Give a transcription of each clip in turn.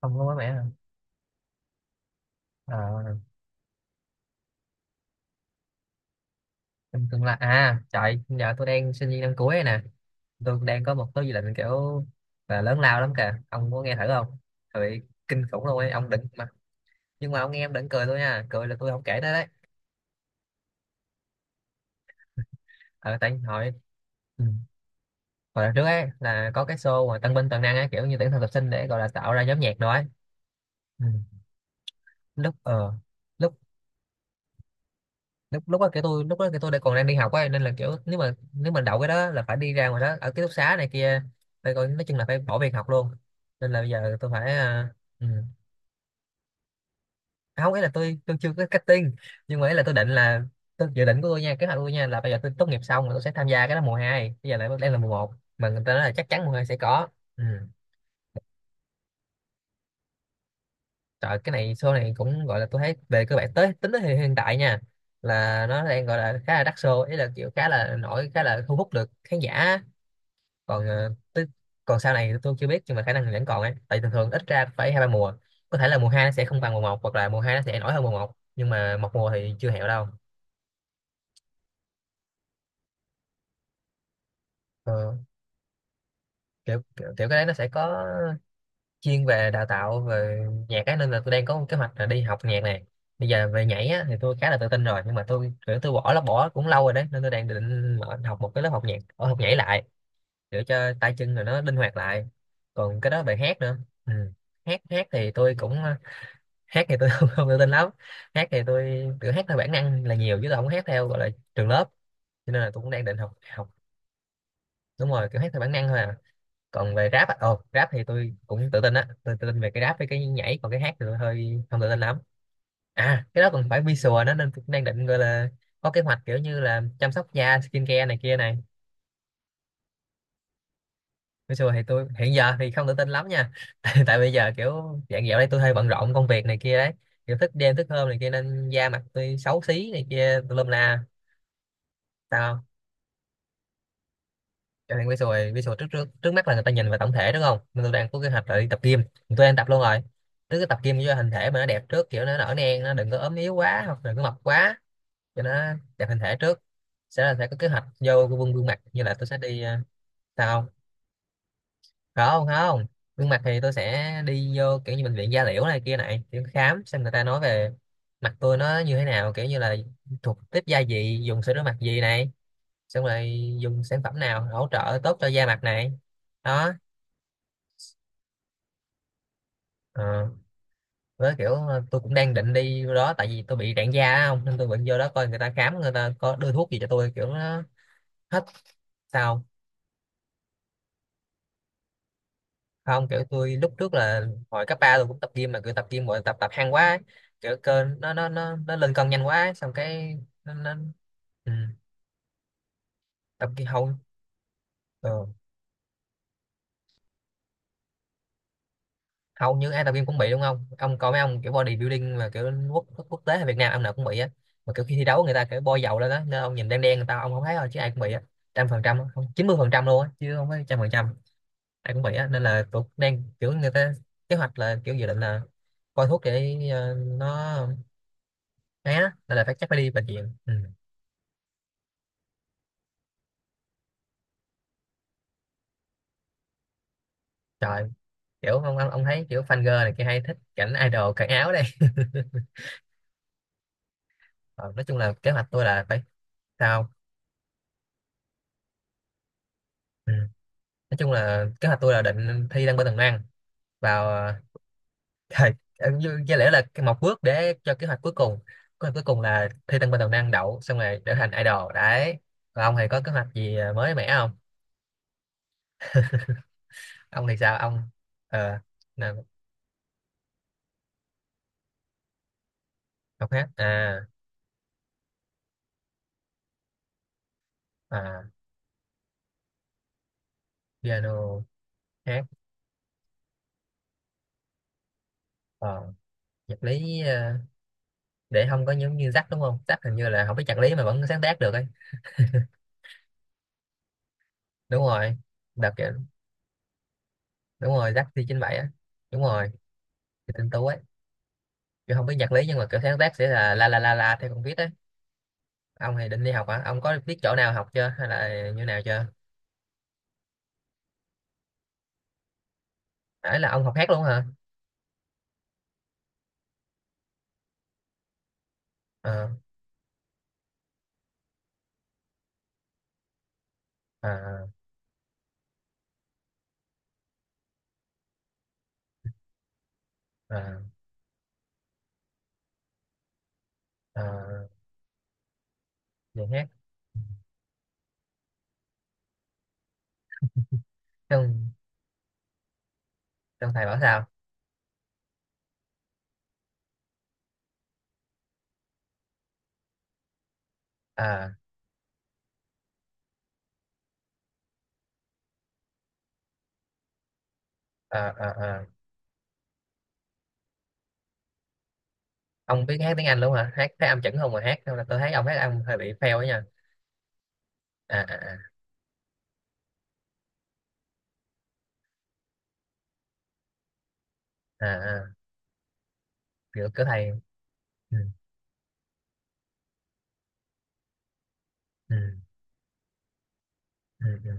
Không có mới mẻ hả? ờ Trong tương lai à? Trời, giờ tôi đang sinh viên năm cuối này nè. Tôi đang có một số dự định kiểu là lớn lao lắm kìa, ông có nghe thử không? Trời, kinh khủng luôn ấy, ông đừng mà. Nhưng mà ông nghe em đừng cười tôi nha, cười là tôi không kể tới đấy. Ờ Tại hồi, ừ, hồi đợt trước ấy là có cái show mà tân binh toàn năng ấy, kiểu như tuyển thực tập sinh để gọi là tạo ra nhóm nhạc đó ấy. Ừ. lúc ờ lúc Lúc đó cái tôi đã còn đang đi học ấy, nên là kiểu nếu mà đậu cái đó là phải đi ra ngoài đó ở ký túc xá này kia, phải coi, nói chung là phải bỏ việc học luôn. Nên là bây giờ tôi phải, ừ. À, không, ấy là tôi chưa có cutting, nhưng mà ấy là tôi định là, tôi dự định của tôi nha, kế hoạch của tôi nha, là bây giờ tôi tốt nghiệp xong là tôi sẽ tham gia cái đó mùa hai. Bây giờ lại đang là mùa một mà người ta nói là chắc chắn mùa 2 sẽ có. Ừ. Trời, cái này show này cũng gọi là tôi thấy về cơ bản tới, tính tới hiện hiện tại nha, là nó đang gọi là khá là đắt show, ý là kiểu khá là nổi, khá là thu hút được khán giả. Còn tới, còn sau này tôi chưa biết, nhưng mà khả năng vẫn còn ấy, tại thường thường ít ra phải hai ba mùa. Có thể là mùa hai nó sẽ không bằng mùa một, hoặc là mùa hai nó sẽ nổi hơn mùa một, nhưng mà một mùa thì chưa hẹo đâu. Ờ, kiểu, kiểu cái đấy nó sẽ có chuyên về đào tạo về nhạc ấy, nên là tôi đang có một kế hoạch là đi học nhạc này. Bây giờ về nhảy á, thì tôi khá là tự tin rồi, nhưng mà tôi kiểu tôi bỏ là bỏ cũng lâu rồi đấy, nên tôi đang định mở- học một cái lớp học nhạc ở học nhảy lại, để cho tay chân rồi nó linh hoạt lại. Còn cái đó về hát nữa. Ừ. hát hát thì tôi cũng, hát thì tôi không tự tin lắm. Hát thì tôi kiểu hát theo bản năng là nhiều, chứ tôi không hát theo gọi là trường lớp, cho nên là tôi cũng đang định học học. Đúng rồi, kiểu hát theo bản năng thôi à. Còn về rap à, ồ, rap thì tôi cũng tự tin á, tôi tự tin về cái rap với cái nhảy, còn cái hát thì tôi hơi không tự tin lắm. À, cái đó còn phải visual nó, nên tôi cũng đang định, gọi là có kế hoạch kiểu như là chăm sóc da, skincare này kia này. Visual thì tôi hiện giờ thì không tự tin lắm nha tại bây giờ kiểu dạng dạo đây tôi hơi bận rộn công việc này kia đấy, kiểu thức đêm thức hôm này kia, nên da mặt tôi xấu xí này kia, tôi lum la. Sao không? Cho nên visual visual trước, trước mắt là người ta nhìn vào tổng thể đúng không, nên tôi đang có kế hoạch là đi tập gym. Tôi đang tập luôn rồi. Trước cái tập gym cho hình thể mà nó đẹp trước, kiểu nó nở nang, nó đừng có ốm yếu quá hoặc đừng có mập quá, cho nó đẹp hình thể trước. Sẽ là sẽ có kế hoạch vô gương, gương mặt, như là tôi sẽ đi sao không. Không không Gương mặt thì tôi sẽ đi vô kiểu như bệnh viện da liễu này kia này, kiểu khám xem người ta nói về mặt tôi nó như thế nào, kiểu như là thuộc tiếp da gì, dùng sữa rửa mặt gì này, xong rồi dùng sản phẩm nào hỗ trợ tốt cho da mặt này. Đó. ờ, với kiểu tôi cũng đang định đi vô đó, tại vì tôi bị rạn da á không, nên tôi định vô đó coi người ta khám, người ta có đưa thuốc gì cho tôi kiểu nó hết. Sao không? Kiểu tôi lúc trước là hồi cấp ba tôi cũng tập gym, mà kiểu tập gym rồi tập, tập hăng quá ấy. Kiểu cơ nó lên cân nhanh quá ấy. Xong cái nó, ừ, tập gym hầu, ờ, hầu như ai tập gym cũng bị đúng không, ông coi mấy ông kiểu bodybuilding mà kiểu quốc quốc tế hay Việt Nam ông nào cũng bị á. Mà kiểu khi thi đấu người ta kiểu bôi dầu lên đó nên ông nhìn đen đen người ta, ông không thấy thôi, chứ ai cũng bị á. Trăm phần trăm á, không, chín mươi phần trăm luôn á, chứ không phải trăm phần trăm ai cũng bị á. Nên là tôi đang kiểu người ta, kế hoạch là kiểu dự định là coi thuốc để nó né, nên là phải chắc phải đi bệnh viện. Ừ. Trời, kiểu ông, ông thấy kiểu fan girl này kia hay thích cảnh idol cởi áo đây. Ờ, nói chung là kế hoạch tôi là phải, sao không? Nói chung là kế hoạch tôi là định thi đăng bên tầng năng, vào thời, ờ, có lẽ là cái một bước để cho kế hoạch cuối cùng. Kế hoạch cuối cùng là thi đăng bên tầng năng, đậu xong rồi trở thành idol đấy. Và ông thì có kế hoạch gì mới mẻ không, ông thì sao ông? ờ là học hát à? À, piano, hát, ờ, nhạc lý, để không có giống như Jack đúng không, Jack hình như là không biết nhạc lý mà vẫn sáng tác được ấy. Đúng rồi. Đợt kìa. Đúng rồi, Jack thi 97 á. Đúng rồi. Thì tinh tú ấy, kiểu không biết nhạc lý nhưng mà kiểu sáng tác sẽ là la la la la theo con viết á. Ông thì định đi học hả, ông có biết chỗ nào học chưa hay là như nào chưa? Ấy là ông học hát luôn hả? ờ ờ ờ ờ Gì hát? Trong, trong thầy bảo sao? ờ ờ ờ ờ ông biết hát tiếng Anh luôn hả, hát thấy âm chuẩn không? Mà hát không là tôi thấy ông hát âm hơi bị fail ấy nha. à à à À, kiểu kiểu thầy, ừ, ừ, ừ.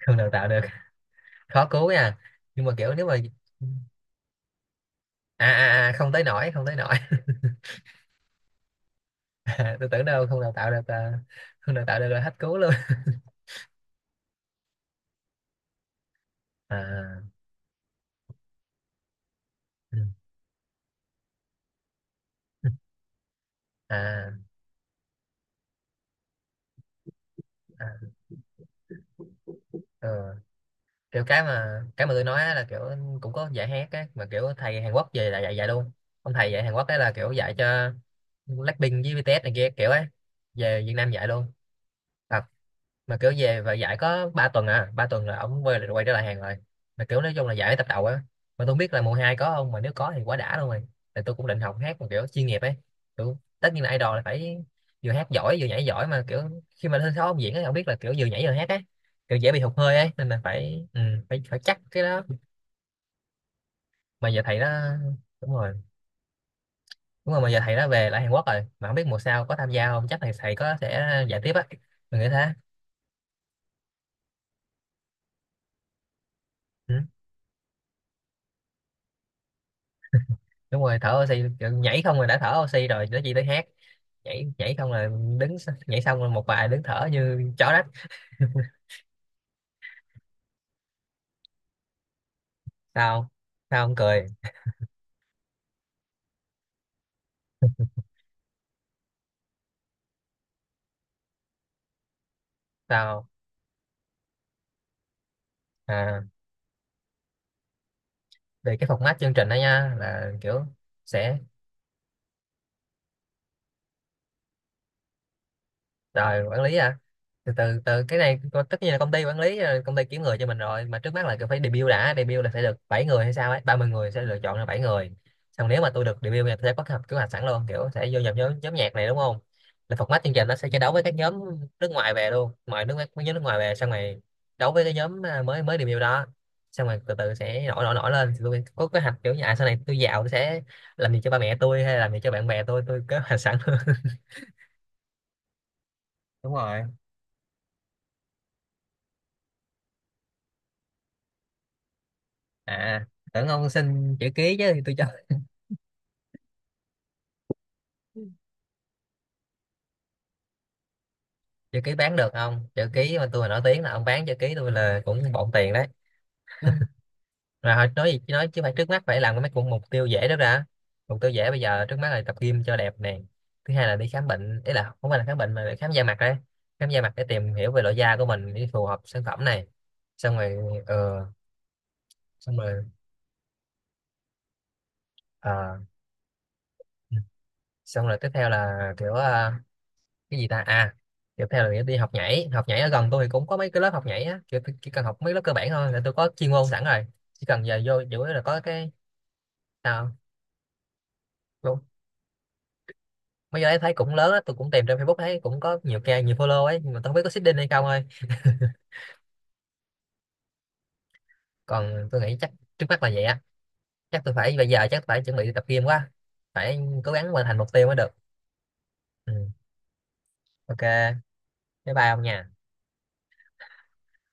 Không đào tạo được, khó cứu nha. Nhưng mà kiểu nếu mà, à à à, không tới nổi, không tới nổi. À, tôi tưởng đâu không đào tạo được. Không đào tạo được là hết cứu luôn. À. Ừ. À, à. Ừ. Kiểu cái mà tôi nói á là kiểu cũng có dạy hát á, mà kiểu thầy Hàn Quốc về là dạy, luôn. Ông thầy dạy Hàn Quốc ấy là kiểu dạy cho Blackpink với BTS này kia kiểu ấy, về Việt Nam dạy luôn. Thật. Mà kiểu về và giải có 3 tuần à, ba tuần là ổng quay, trở lại hàng rồi. Mà kiểu nói chung là giải tập đầu á. Mà tôi không biết là mùa hai có không, mà nếu có thì quá đã luôn rồi. Tại tôi cũng định học hát mà kiểu chuyên nghiệp ấy. Kiểu, tất nhiên là idol là phải vừa hát giỏi vừa nhảy giỏi, mà kiểu khi mà lên sân khấu ông diễn ấy, không biết là kiểu vừa nhảy vừa hát ấy, kiểu dễ bị hụt hơi ấy, nên là phải, phải phải chắc cái đó. Mà giờ thầy đó, đúng rồi, đúng rồi, mà giờ thầy đó về lại Hàn Quốc rồi, mà không biết mùa sau có tham gia không, chắc thầy thầy có sẽ dạy tiếp á, mình nghĩ thế. Ừ. Đúng rồi, thở oxy. Nhảy không là đã thở oxy rồi, nó chỉ tới hát. Nhảy nhảy không là đứng s- nhảy xong rồi một bài đứng thở như chó đất. Sao? Sao không cười? Sao? À, về cái format chương trình đó nha, là kiểu sẽ, rồi quản lý à? Từ từ từ Cái này co- tất nhiên là công ty quản lý rồi, công ty kiếm người cho mình rồi, mà trước mắt là cứ phải debut đã. Debut là phải được 7 người hay sao ấy, 30 người sẽ lựa chọn ra 7 người. Xong nếu mà tôi được debut thì tôi sẽ có kế hoạch, sẵn luôn, kiểu sẽ vô nhập nhóm, nhạc này đúng không. Là format chương trình nó sẽ chiến đấu với các nhóm nước ngoài về luôn, ngoài nước mấy nhóm nước ngoài về, xong rồi đấu với cái nhóm à, mới mới debut đó. Xong rồi từ từ sẽ nổi, nổi lên, thì tôi có kế hoạch kiểu như à sau này tôi giàu tôi sẽ làm gì cho ba mẹ tôi, hay làm gì cho bạn bè tôi kế hoạch sẵn luôn. Đúng rồi. À, tưởng ông xin chữ ký chứ tôi cho. Chữ ký bán được không? Chữ ký mà tôi mà nổi tiếng là ông bán chữ ký tôi là cũng bộn tiền đấy. Rồi thôi, nói gì chứ, nói chứ phải trước mắt phải làm cái mấy cũng mục tiêu dễ đó ra. Mục tiêu dễ bây giờ, trước mắt là tập gym cho đẹp nè. Thứ hai là đi khám bệnh, ý là không phải là khám bệnh mà là khám da mặt đấy. Khám da mặt để tìm hiểu về loại da của mình để phù hợp sản phẩm này. Xong rồi, ờ, xong rồi, ờ, xong rồi tiếp theo là kiểu cái gì ta. À, tiếp theo là nghĩa đi học nhảy. Học nhảy ở gần tôi thì cũng có mấy cái lớp học nhảy á, chỉ cần học mấy lớp cơ bản thôi là tôi có chuyên môn sẵn rồi. Chỉ cần giờ vô, chủ yếu là có cái sao luôn. Mấy cái đấy thấy cũng lớn á, tôi cũng tìm trên Facebook thấy cũng có nhiều ca, nhiều follow ấy, nhưng mà tôi không biết có seeding hay không thôi. Còn tôi nghĩ chắc, trước mắt là vậy á, chắc tôi phải bây giờ chắc phải chuẩn bị tập gym quá, phải cố gắng hoàn thành mục tiêu mới được. Ừ. OK, bye bye ông nha.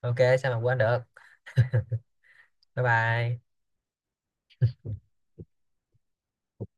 OK, sao mà quên được? Bye bye.